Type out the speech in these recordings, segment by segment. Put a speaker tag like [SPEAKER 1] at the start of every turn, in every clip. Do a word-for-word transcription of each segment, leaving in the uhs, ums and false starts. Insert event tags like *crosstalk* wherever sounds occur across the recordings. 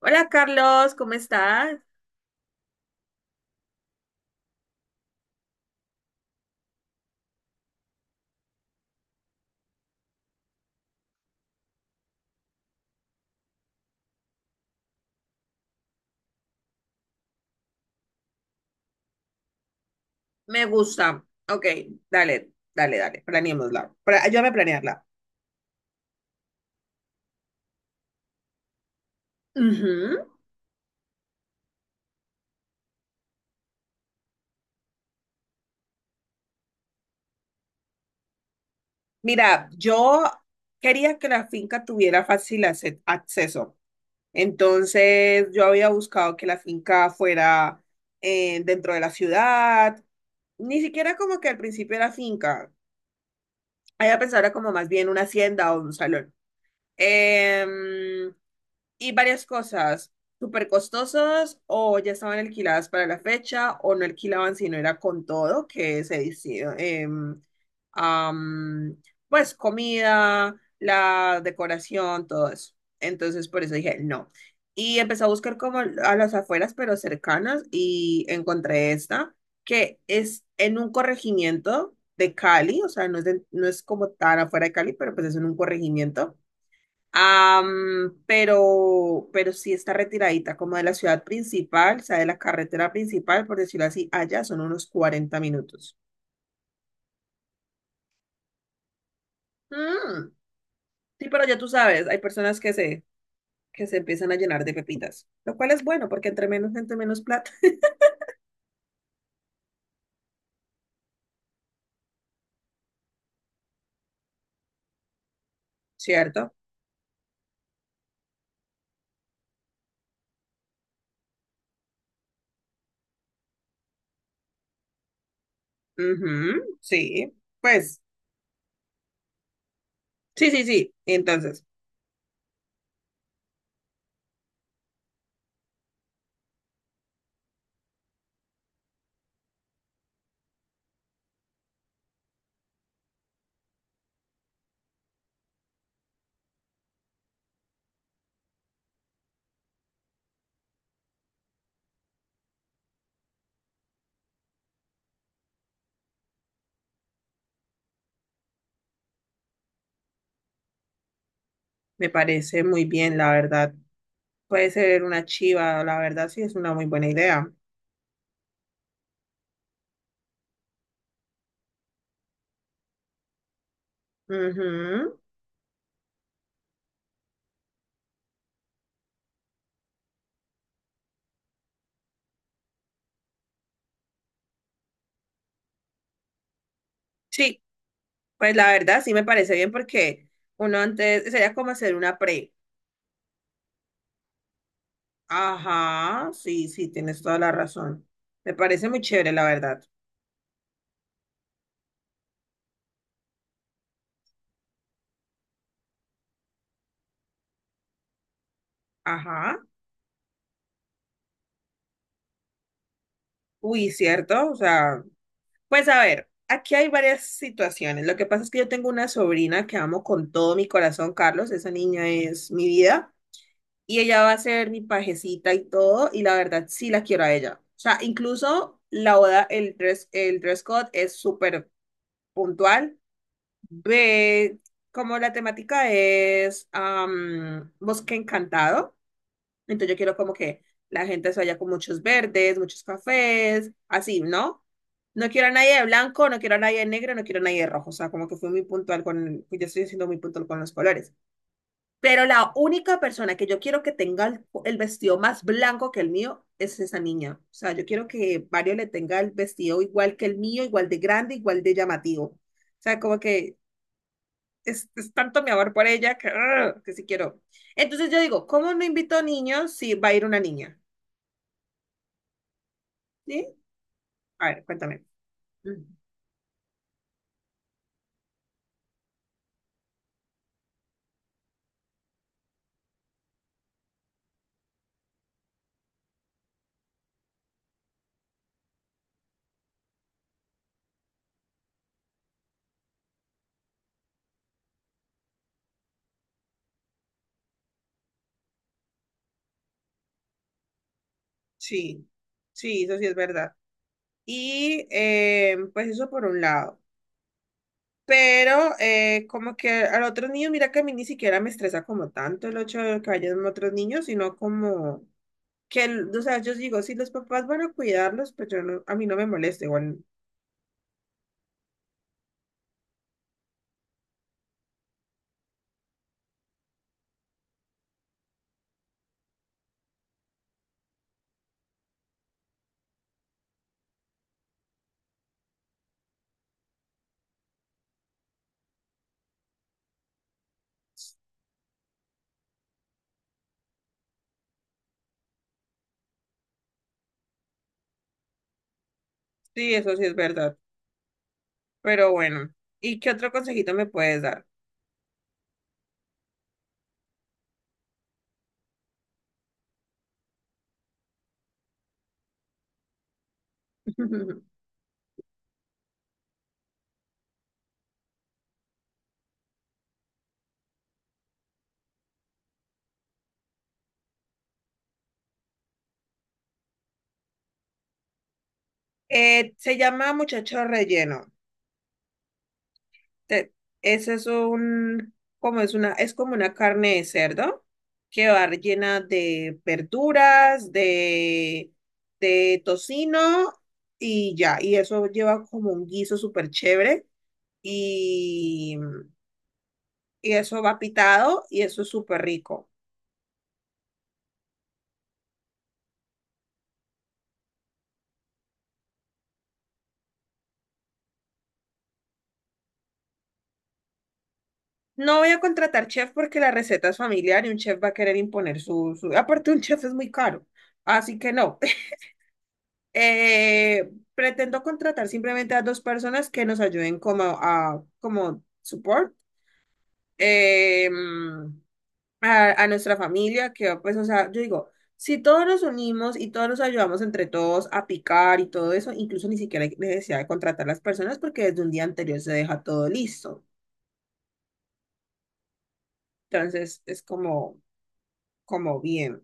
[SPEAKER 1] Hola Carlos, ¿cómo estás? Me gusta. Ok, dale, dale, dale, planeémosla. Pra- ayúdame a planearla. Ujú. Mira, yo quería que la finca tuviera fácil ace- acceso. Entonces, yo había buscado que la finca fuera eh, dentro de la ciudad. Ni siquiera como que al principio era finca. Había pensado era como más bien una hacienda o un salón. Em, Y varias cosas, súper costosas o ya estaban alquiladas para la fecha o no alquilaban si no era con todo, que se decía, em, am, pues comida, la decoración, todo eso. Entonces por eso dije no. Y empecé a buscar como a las afueras, pero cercanas, y encontré esta, que es en un corregimiento de Cali, o sea, no es, de- no es como tan afuera de Cali, pero pues es en un corregimiento. Am, pero, pero sí está retiradita como de la ciudad principal, o sea, de la carretera principal, por decirlo así, allá son unos cuarenta minutos. Mm, sí, pero ya tú sabes, hay personas que se, que se empiezan a llenar de pepitas, lo cual es bueno porque entre menos gente, menos plata. *laughs* ¿Cierto? Ujú, sí, pues, sí, sí, sí. Entonces, me parece muy bien, la verdad. Puede ser una chiva, la verdad, sí, es una muy buena idea. Ujú. Sí, pues la verdad sí me parece bien porque uno antes sería como hacer una pre. Ajá, sí, sí, tienes toda la razón. Me parece muy chévere, la verdad. Ajá. Uy, cierto. O sea, pues a ver, aquí hay varias situaciones. Lo que pasa es que yo tengo una sobrina que amo con todo mi corazón, Carlos. Esa niña es mi vida. Y ella va a ser mi pajecita y todo. Y la verdad sí la quiero a ella. O sea, incluso la boda, el dress, el dress code es súper puntual. Ve, como la temática es am, bosque encantado, entonces yo quiero como que la gente se vaya con muchos verdes, muchos cafés, así, ¿no? No quiero a nadie de blanco, no quiero a nadie de negro, no quiero a nadie de rojo, o sea, como que fui muy puntual con, yo estoy siendo muy puntual con los colores. Pero la única persona que yo quiero que tenga el, el vestido más blanco que el mío es esa niña. O sea, yo quiero que Mario le tenga el vestido igual que el mío, igual de grande, igual de llamativo. O sea, como que es, es tanto mi amor por ella que, ¡ah! Que sí quiero. Entonces yo digo, ¿cómo no invito a niños si va a ir una niña? ¿Sí? A ver, cuéntame. Mm, sí, sí, eso sí es verdad. Y eh, pues eso por un lado. Pero eh, como que al otro niño, mira que a mí ni siquiera me estresa como tanto el hecho de que vayan otros niños, sino como que, el- o sea, yo digo, si los papás van a cuidarlos, pues yo no, a mí no me molesta igual. Sí, eso sí es verdad. Pero bueno, ¿y qué otro consejito me puedes dar? *laughs* Eh, se llama muchacho relleno. Te- Ese es un, como es una, es como una carne de cerdo que va rellena de verduras, de, de tocino y ya. Y eso lleva como un guiso súper chévere y, y eso va pitado y eso es súper rico. No voy a contratar chef porque la receta es familiar y un chef va a querer imponer su, su... Aparte, un chef es muy caro. Así que no. *laughs* Eh, Pretendo contratar simplemente a dos personas que nos ayuden como a como support eh, a, a nuestra familia, que pues, o sea, yo digo, si todos nos unimos y todos nos ayudamos entre todos a picar y todo eso, incluso ni siquiera hay necesidad de contratar las personas porque desde un día anterior se deja todo listo. Entonces es como, como bien.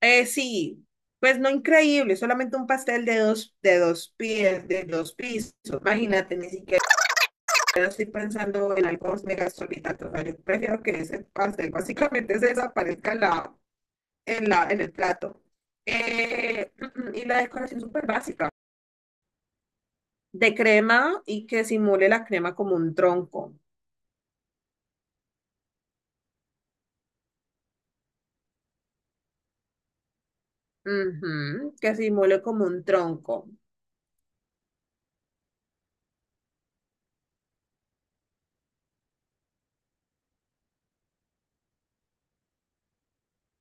[SPEAKER 1] Eh, sí, pues no increíble, solamente un pastel de dos, de dos pies, de dos pisos. Imagínate, ni siquiera estoy pensando en algo mega solitario. O sea, yo prefiero que ese pastel básicamente se desaparezca en, la, en, la, en el plato. Eh, mm, y la decoración súper básica. De crema y que simule la crema como un tronco. Ujú, que simule como un tronco.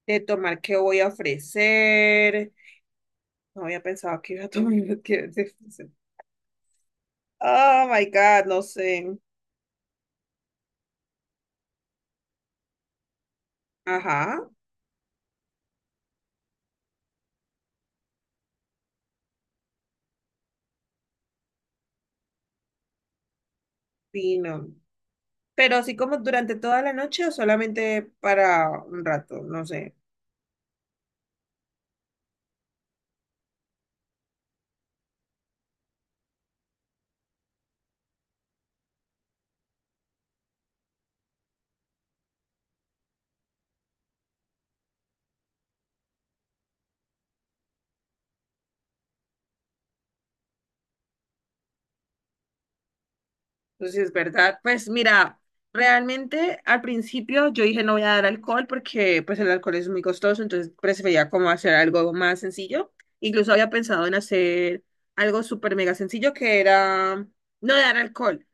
[SPEAKER 1] De tomar qué voy a ofrecer. No había pensado que iba a tomar, *laughs* qué voy a ofrecer. Oh my God, no sé. Ajá, vino. Pero así como durante toda la noche o solamente para un rato, no sé. Entonces, es verdad. Pues mira, realmente al principio yo dije no voy a dar alcohol porque pues el alcohol es muy costoso, entonces prefería como hacer algo más sencillo. Incluso había pensado en hacer algo súper mega sencillo que era no dar alcohol.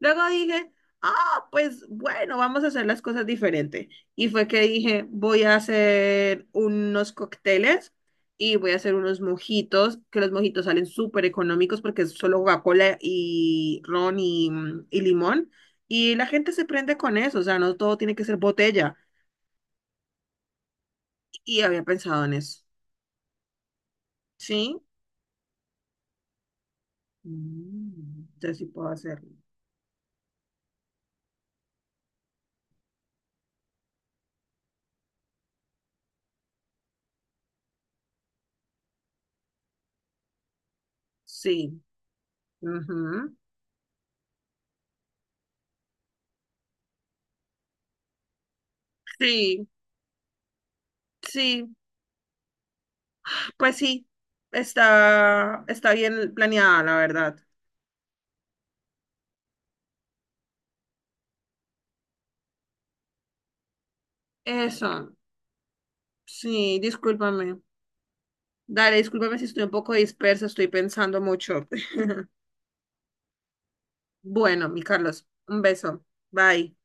[SPEAKER 1] Luego dije, ah, pues bueno, vamos a hacer las cosas diferente. Y fue que dije, voy a hacer unos cócteles y voy a hacer unos mojitos, que los mojitos salen súper económicos porque es solo Coca-Cola y ron y, mm, y limón. Y la gente se prende con eso, o sea, no todo tiene que ser botella. Y había pensado en eso. ¿Sí? Mm, entonces sí puedo hacerlo. Sí. Ujú, sí, sí. Pues sí, está, está bien planeada, la verdad. Eso, sí, discúlpame. Dale, discúlpame si estoy un poco dispersa, estoy pensando mucho. *laughs* Bueno, mi Carlos, un beso. Bye.